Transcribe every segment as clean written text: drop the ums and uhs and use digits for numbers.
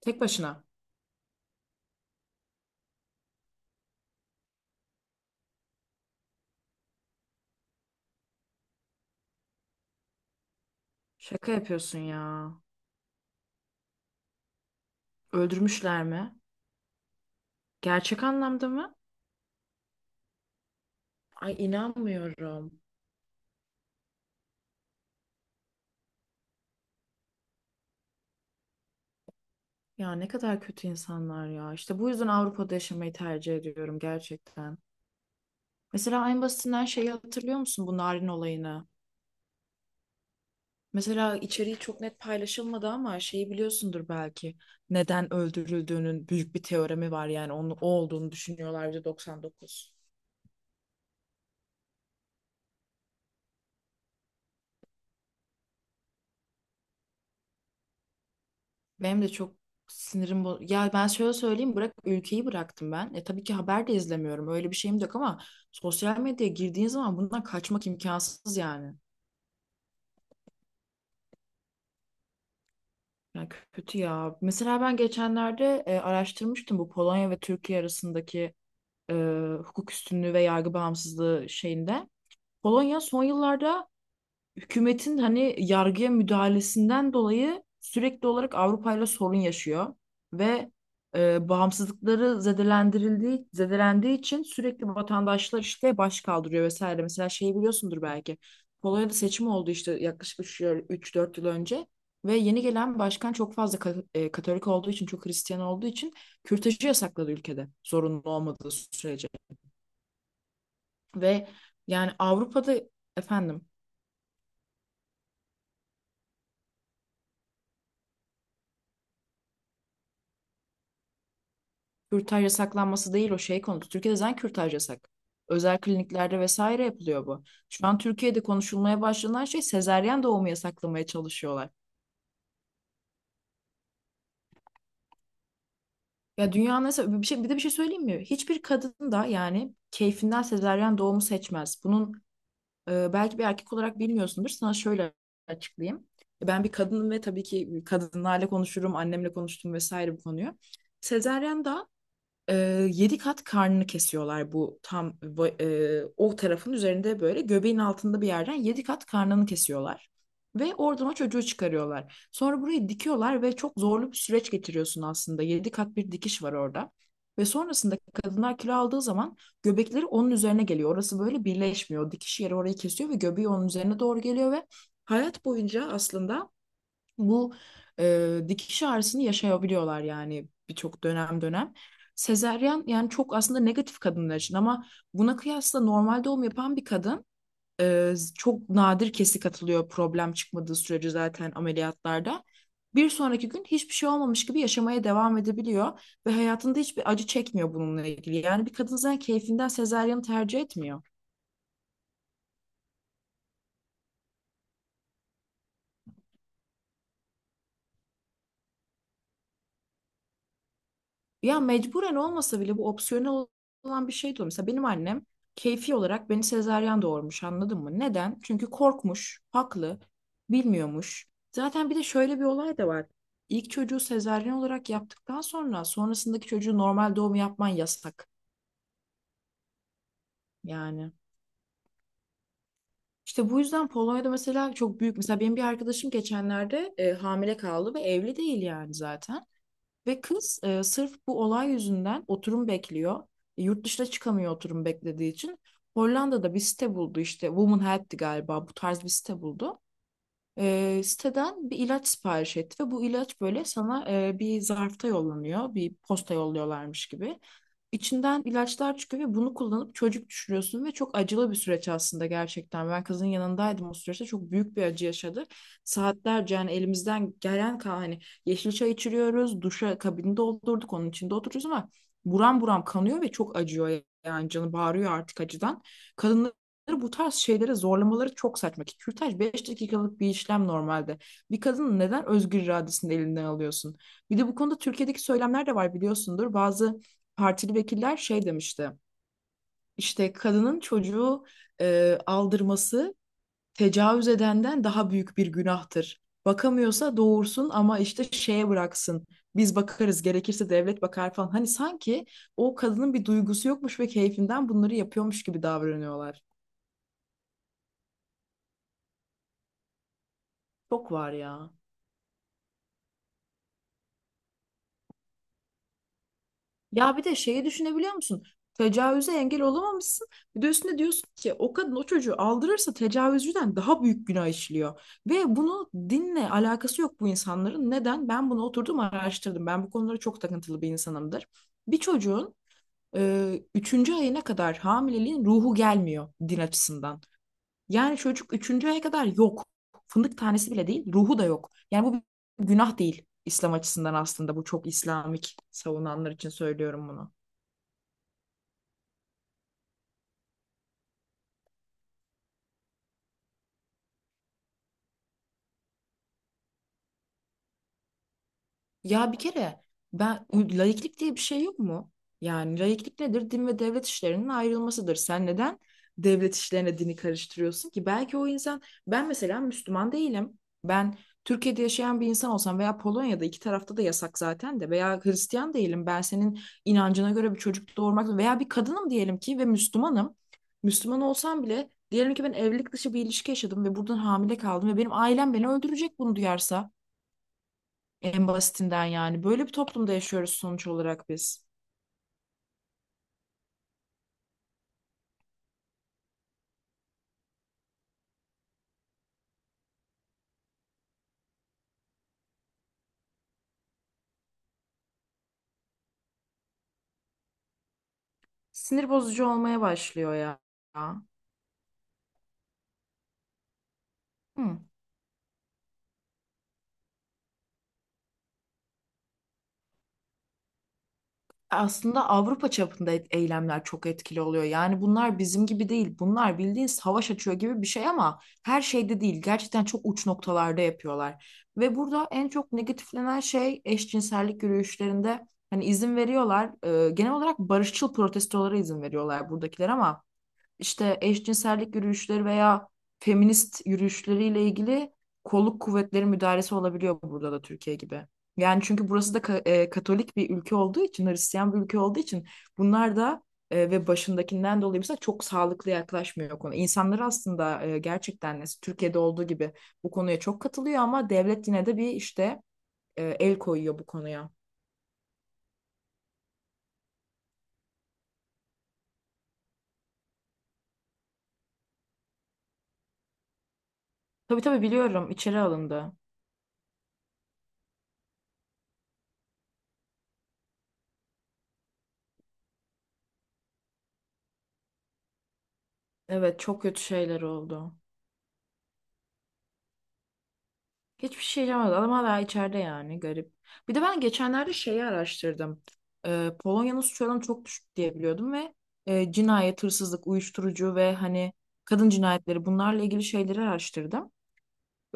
Tek başına. Şaka yapıyorsun ya. Öldürmüşler mi? Gerçek anlamda mı? Ay inanmıyorum. Ya ne kadar kötü insanlar ya. İşte bu yüzden Avrupa'da yaşamayı tercih ediyorum gerçekten. Mesela en basitinden şeyi hatırlıyor musun bu narin olayını? Mesela içeriği çok net paylaşılmadı ama şeyi biliyorsundur belki. Neden öldürüldüğünün büyük bir teoremi var yani onun o olduğunu düşünüyorlar %99. Benim de çok sinirim. Ya ben şöyle söyleyeyim bırak ülkeyi bıraktım ben. E tabii ki haber de izlemiyorum. Öyle bir şeyim de yok ama sosyal medyaya girdiğin zaman bundan kaçmak imkansız yani. Yani kötü ya. Mesela ben geçenlerde araştırmıştım bu Polonya ve Türkiye arasındaki e, hukuk üstünlüğü ve yargı bağımsızlığı şeyinde. Polonya son yıllarda hükümetin hani yargıya müdahalesinden dolayı sürekli olarak Avrupa ile sorun yaşıyor ve bağımsızlıkları zedelendirildiği zedelendiği için sürekli vatandaşlar işte baş kaldırıyor vesaire. Mesela şeyi biliyorsundur belki. Polonya'da seçim oldu işte yaklaşık 3-4 yıl önce ve yeni gelen başkan çok fazla Katolik olduğu için, çok Hristiyan olduğu için kürtajı yasakladı ülkede zorunlu olmadığı sürece. Ve yani Avrupa'da efendim kürtaj yasaklanması değil o şey konusu. Türkiye'de zaten kürtaj yasak. Özel kliniklerde vesaire yapılıyor bu. Şu an Türkiye'de konuşulmaya başlanan şey sezaryen doğumu yasaklamaya çalışıyorlar. Ya dünyanın nasıl bir şey bir de bir şey söyleyeyim mi? Hiçbir kadın da yani keyfinden sezaryen doğumu seçmez. Bunun belki bir erkek olarak bilmiyorsundur. Sana şöyle açıklayayım. Ben bir kadınım ve tabii ki kadınlarla konuşurum, annemle konuştum vesaire bu konuyu. Sezaryen da e, yedi kat karnını kesiyorlar bu tam o tarafın üzerinde böyle göbeğin altında bir yerden yedi kat karnını kesiyorlar. Ve oradan o çocuğu çıkarıyorlar. Sonra burayı dikiyorlar ve çok zorlu bir süreç geçiriyorsun aslında. Yedi kat bir dikiş var orada. Ve sonrasında kadınlar kilo aldığı zaman göbekleri onun üzerine geliyor. Orası böyle birleşmiyor. Dikiş yeri orayı kesiyor ve göbeği onun üzerine doğru geliyor ve hayat boyunca aslında bu dikiş ağrısını yaşayabiliyorlar yani birçok dönem dönem. Sezeryan yani çok aslında negatif kadınlar için ama buna kıyasla normal doğum yapan bir kadın çok nadir kesik atılıyor problem çıkmadığı sürece zaten ameliyatlarda. Bir sonraki gün hiçbir şey olmamış gibi yaşamaya devam edebiliyor ve hayatında hiçbir acı çekmiyor bununla ilgili. Yani bir kadın zaten keyfinden sezaryanı tercih etmiyor. Ya mecburen olmasa bile bu opsiyonel olan bir şey de olur. Mesela benim annem keyfi olarak beni sezaryen doğurmuş anladın mı? Neden? Çünkü korkmuş, haklı, bilmiyormuş. Zaten bir de şöyle bir olay da var. İlk çocuğu sezaryen olarak yaptıktan sonra sonrasındaki çocuğu normal doğum yapman yasak. Yani işte bu yüzden Polonya'da mesela çok büyük. Mesela benim bir arkadaşım geçenlerde hamile kaldı ve evli değil yani zaten. Ve kız sırf bu olay yüzünden oturum bekliyor. Yurt dışına çıkamıyor oturum beklediği için. Hollanda'da bir site buldu işte Woman Help'ti galiba bu tarz bir site buldu. Siteden bir ilaç sipariş etti ve bu ilaç böyle sana bir zarfta yollanıyor, bir posta yolluyorlarmış gibi. İçinden ilaçlar çıkıyor ve bunu kullanıp çocuk düşürüyorsun ve çok acılı bir süreç aslında gerçekten. Ben kızın yanındaydım o süreçte çok büyük bir acı yaşadı. Saatlerce yani elimizden gelen hani yeşil çay içiriyoruz, duşa kabini doldurduk, onun içinde oturuyoruz ama buram buram kanıyor ve çok acıyor yani canı bağırıyor artık acıdan bu tarz şeylere zorlamaları çok saçma ki kürtaj 5 dakikalık bir işlem normalde. Bir kadının neden özgür iradesini elinden alıyorsun? Bir de bu konuda Türkiye'deki söylemler de var biliyorsundur. Bazı partili vekiller şey demişti. İşte kadının çocuğu aldırması tecavüz edenden daha büyük bir günahtır. Bakamıyorsa doğursun ama işte şeye bıraksın. Biz bakarız gerekirse devlet bakar falan. Hani sanki o kadının bir duygusu yokmuş ve keyfinden bunları yapıyormuş gibi davranıyorlar. Çok var ya. Ya bir de şeyi düşünebiliyor musun? Tecavüze engel olamamışsın. Bir de üstüne diyorsun ki o kadın o çocuğu aldırırsa tecavüzcüden daha büyük günah işliyor. Ve bunu dinle alakası yok bu insanların. Neden? Ben bunu oturdum araştırdım. Ben bu konulara çok takıntılı bir insanımdır. Bir çocuğun üçüncü ayına kadar hamileliğin ruhu gelmiyor din açısından. Yani çocuk üçüncü aya kadar yok. Fındık tanesi bile değil, ruhu da yok. Yani bu bir günah değil. İslam açısından aslında bu çok İslamik savunanlar için söylüyorum bunu. Ya bir kere ben laiklik diye bir şey yok mu? Yani laiklik nedir? Din ve devlet işlerinin ayrılmasıdır. Sen neden devlet işlerine dini karıştırıyorsun ki? Belki o insan ben mesela Müslüman değilim. Ben Türkiye'de yaşayan bir insan olsam veya Polonya'da iki tarafta da yasak zaten de veya Hristiyan değilim. Ben senin inancına göre bir çocuk doğurmak veya bir kadınım diyelim ki ve Müslümanım. Müslüman olsam bile diyelim ki ben evlilik dışı bir ilişki yaşadım ve buradan hamile kaldım ve benim ailem beni öldürecek bunu duyarsa. En basitinden yani. Böyle bir toplumda yaşıyoruz sonuç olarak biz. Sinir bozucu olmaya başlıyor ya. Hı. Aslında Avrupa çapında eylemler çok etkili oluyor. Yani bunlar bizim gibi değil. Bunlar bildiğin savaş açıyor gibi bir şey ama her şeyde değil. Gerçekten çok uç noktalarda yapıyorlar. Ve burada en çok negatiflenen şey eşcinsellik yürüyüşlerinde hani izin veriyorlar. Genel olarak barışçıl protestolara izin veriyorlar buradakiler ama işte eşcinsellik yürüyüşleri veya feminist yürüyüşleriyle ilgili kolluk kuvvetleri müdahalesi olabiliyor burada da Türkiye gibi. Yani çünkü burası da Katolik bir ülke olduğu için, Hristiyan bir ülke olduğu için bunlar da ve başındakinden dolayı mesela çok sağlıklı yaklaşmıyor konu. İnsanlar aslında gerçekten nasıl Türkiye'de olduğu gibi bu konuya çok katılıyor ama devlet yine de bir işte el koyuyor bu konuya. Tabii tabii biliyorum içeri alındı. Evet çok kötü şeyler oldu. Hiçbir şey yapamadı. Adam hala içeride yani garip. Bir de ben geçenlerde şeyi araştırdım. Polonya'nın suç oranı çok düşük diye biliyordum ve cinayet, hırsızlık, uyuşturucu ve hani kadın cinayetleri bunlarla ilgili şeyleri araştırdım.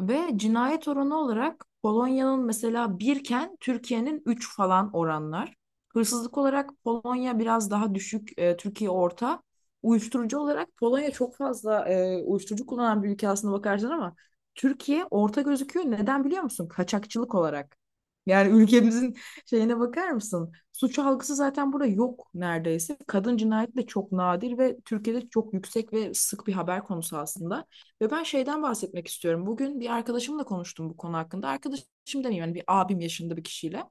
Ve cinayet oranı olarak Polonya'nın mesela birken Türkiye'nin 3 falan oranlar. Hırsızlık olarak Polonya biraz daha düşük, Türkiye orta. Uyuşturucu olarak Polonya çok fazla uyuşturucu kullanan bir ülke aslında bakarsan ama Türkiye orta gözüküyor. Neden biliyor musun? Kaçakçılık olarak. Yani ülkemizin şeyine bakar mısın? Suç algısı zaten burada yok neredeyse. Kadın cinayeti de çok nadir ve Türkiye'de çok yüksek ve sık bir haber konusu aslında. Ve ben şeyden bahsetmek istiyorum. Bugün bir arkadaşımla konuştum bu konu hakkında. Arkadaşım demeyeyim yani bir abim yaşında bir kişiyle.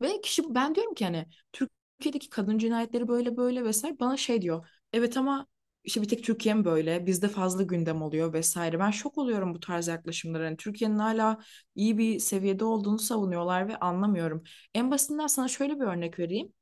Ve kişi ben diyorum ki hani Türkiye'deki kadın cinayetleri böyle böyle vesaire bana şey diyor. Evet ama işte bir tek Türkiye mi böyle? Bizde fazla gündem oluyor vesaire. Ben şok oluyorum bu tarz yaklaşımlara. Hani Türkiye'nin hala iyi bir seviyede olduğunu savunuyorlar ve anlamıyorum. En basitinden sana şöyle bir örnek vereyim.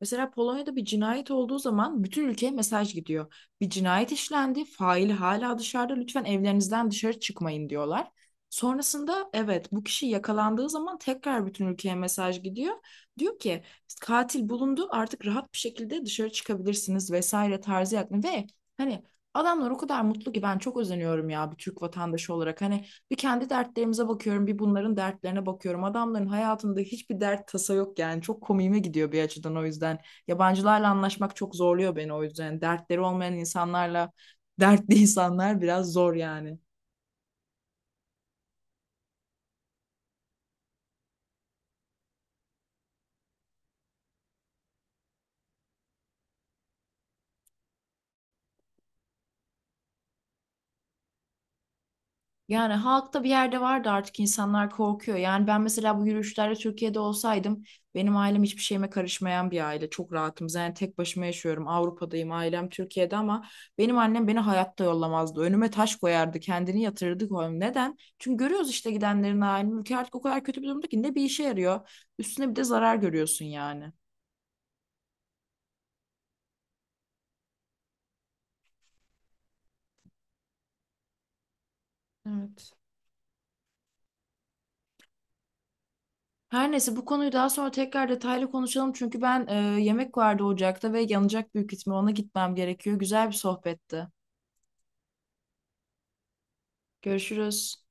Mesela Polonya'da bir cinayet olduğu zaman bütün ülkeye mesaj gidiyor. Bir cinayet işlendi, faili hala dışarıda. Lütfen evlerinizden dışarı çıkmayın diyorlar. Sonrasında evet bu kişi yakalandığı zaman tekrar bütün ülkeye mesaj gidiyor. Diyor ki katil bulundu artık rahat bir şekilde dışarı çıkabilirsiniz vesaire tarzı yakın ve hani adamlar o kadar mutlu ki ben çok özeniyorum ya bir Türk vatandaşı olarak hani bir kendi dertlerimize bakıyorum bir bunların dertlerine bakıyorum adamların hayatında hiçbir dert tasa yok yani çok komiğime gidiyor bir açıdan o yüzden yabancılarla anlaşmak çok zorluyor beni o yüzden. Yani dertleri olmayan insanlarla dertli insanlar biraz zor yani. Yani halkta bir yerde vardı artık insanlar korkuyor. Yani ben mesela bu yürüyüşlerde Türkiye'de olsaydım benim ailem hiçbir şeyime karışmayan bir aile. Çok rahatım. Yani tek başıma yaşıyorum. Avrupa'dayım, ailem Türkiye'de ama benim annem beni hayatta yollamazdı. Önüme taş koyardı, kendini yatırırdı koyardı. Neden? Çünkü görüyoruz işte gidenlerin halini. Ülke artık o kadar kötü bir durumda ki ne bir işe yarıyor. Üstüne bir de zarar görüyorsun yani. Evet. Her neyse bu konuyu daha sonra tekrar detaylı konuşalım çünkü ben yemek vardı ocakta ve yanacak büyük ihtimal ona gitmem gerekiyor. Güzel bir sohbetti. Görüşürüz.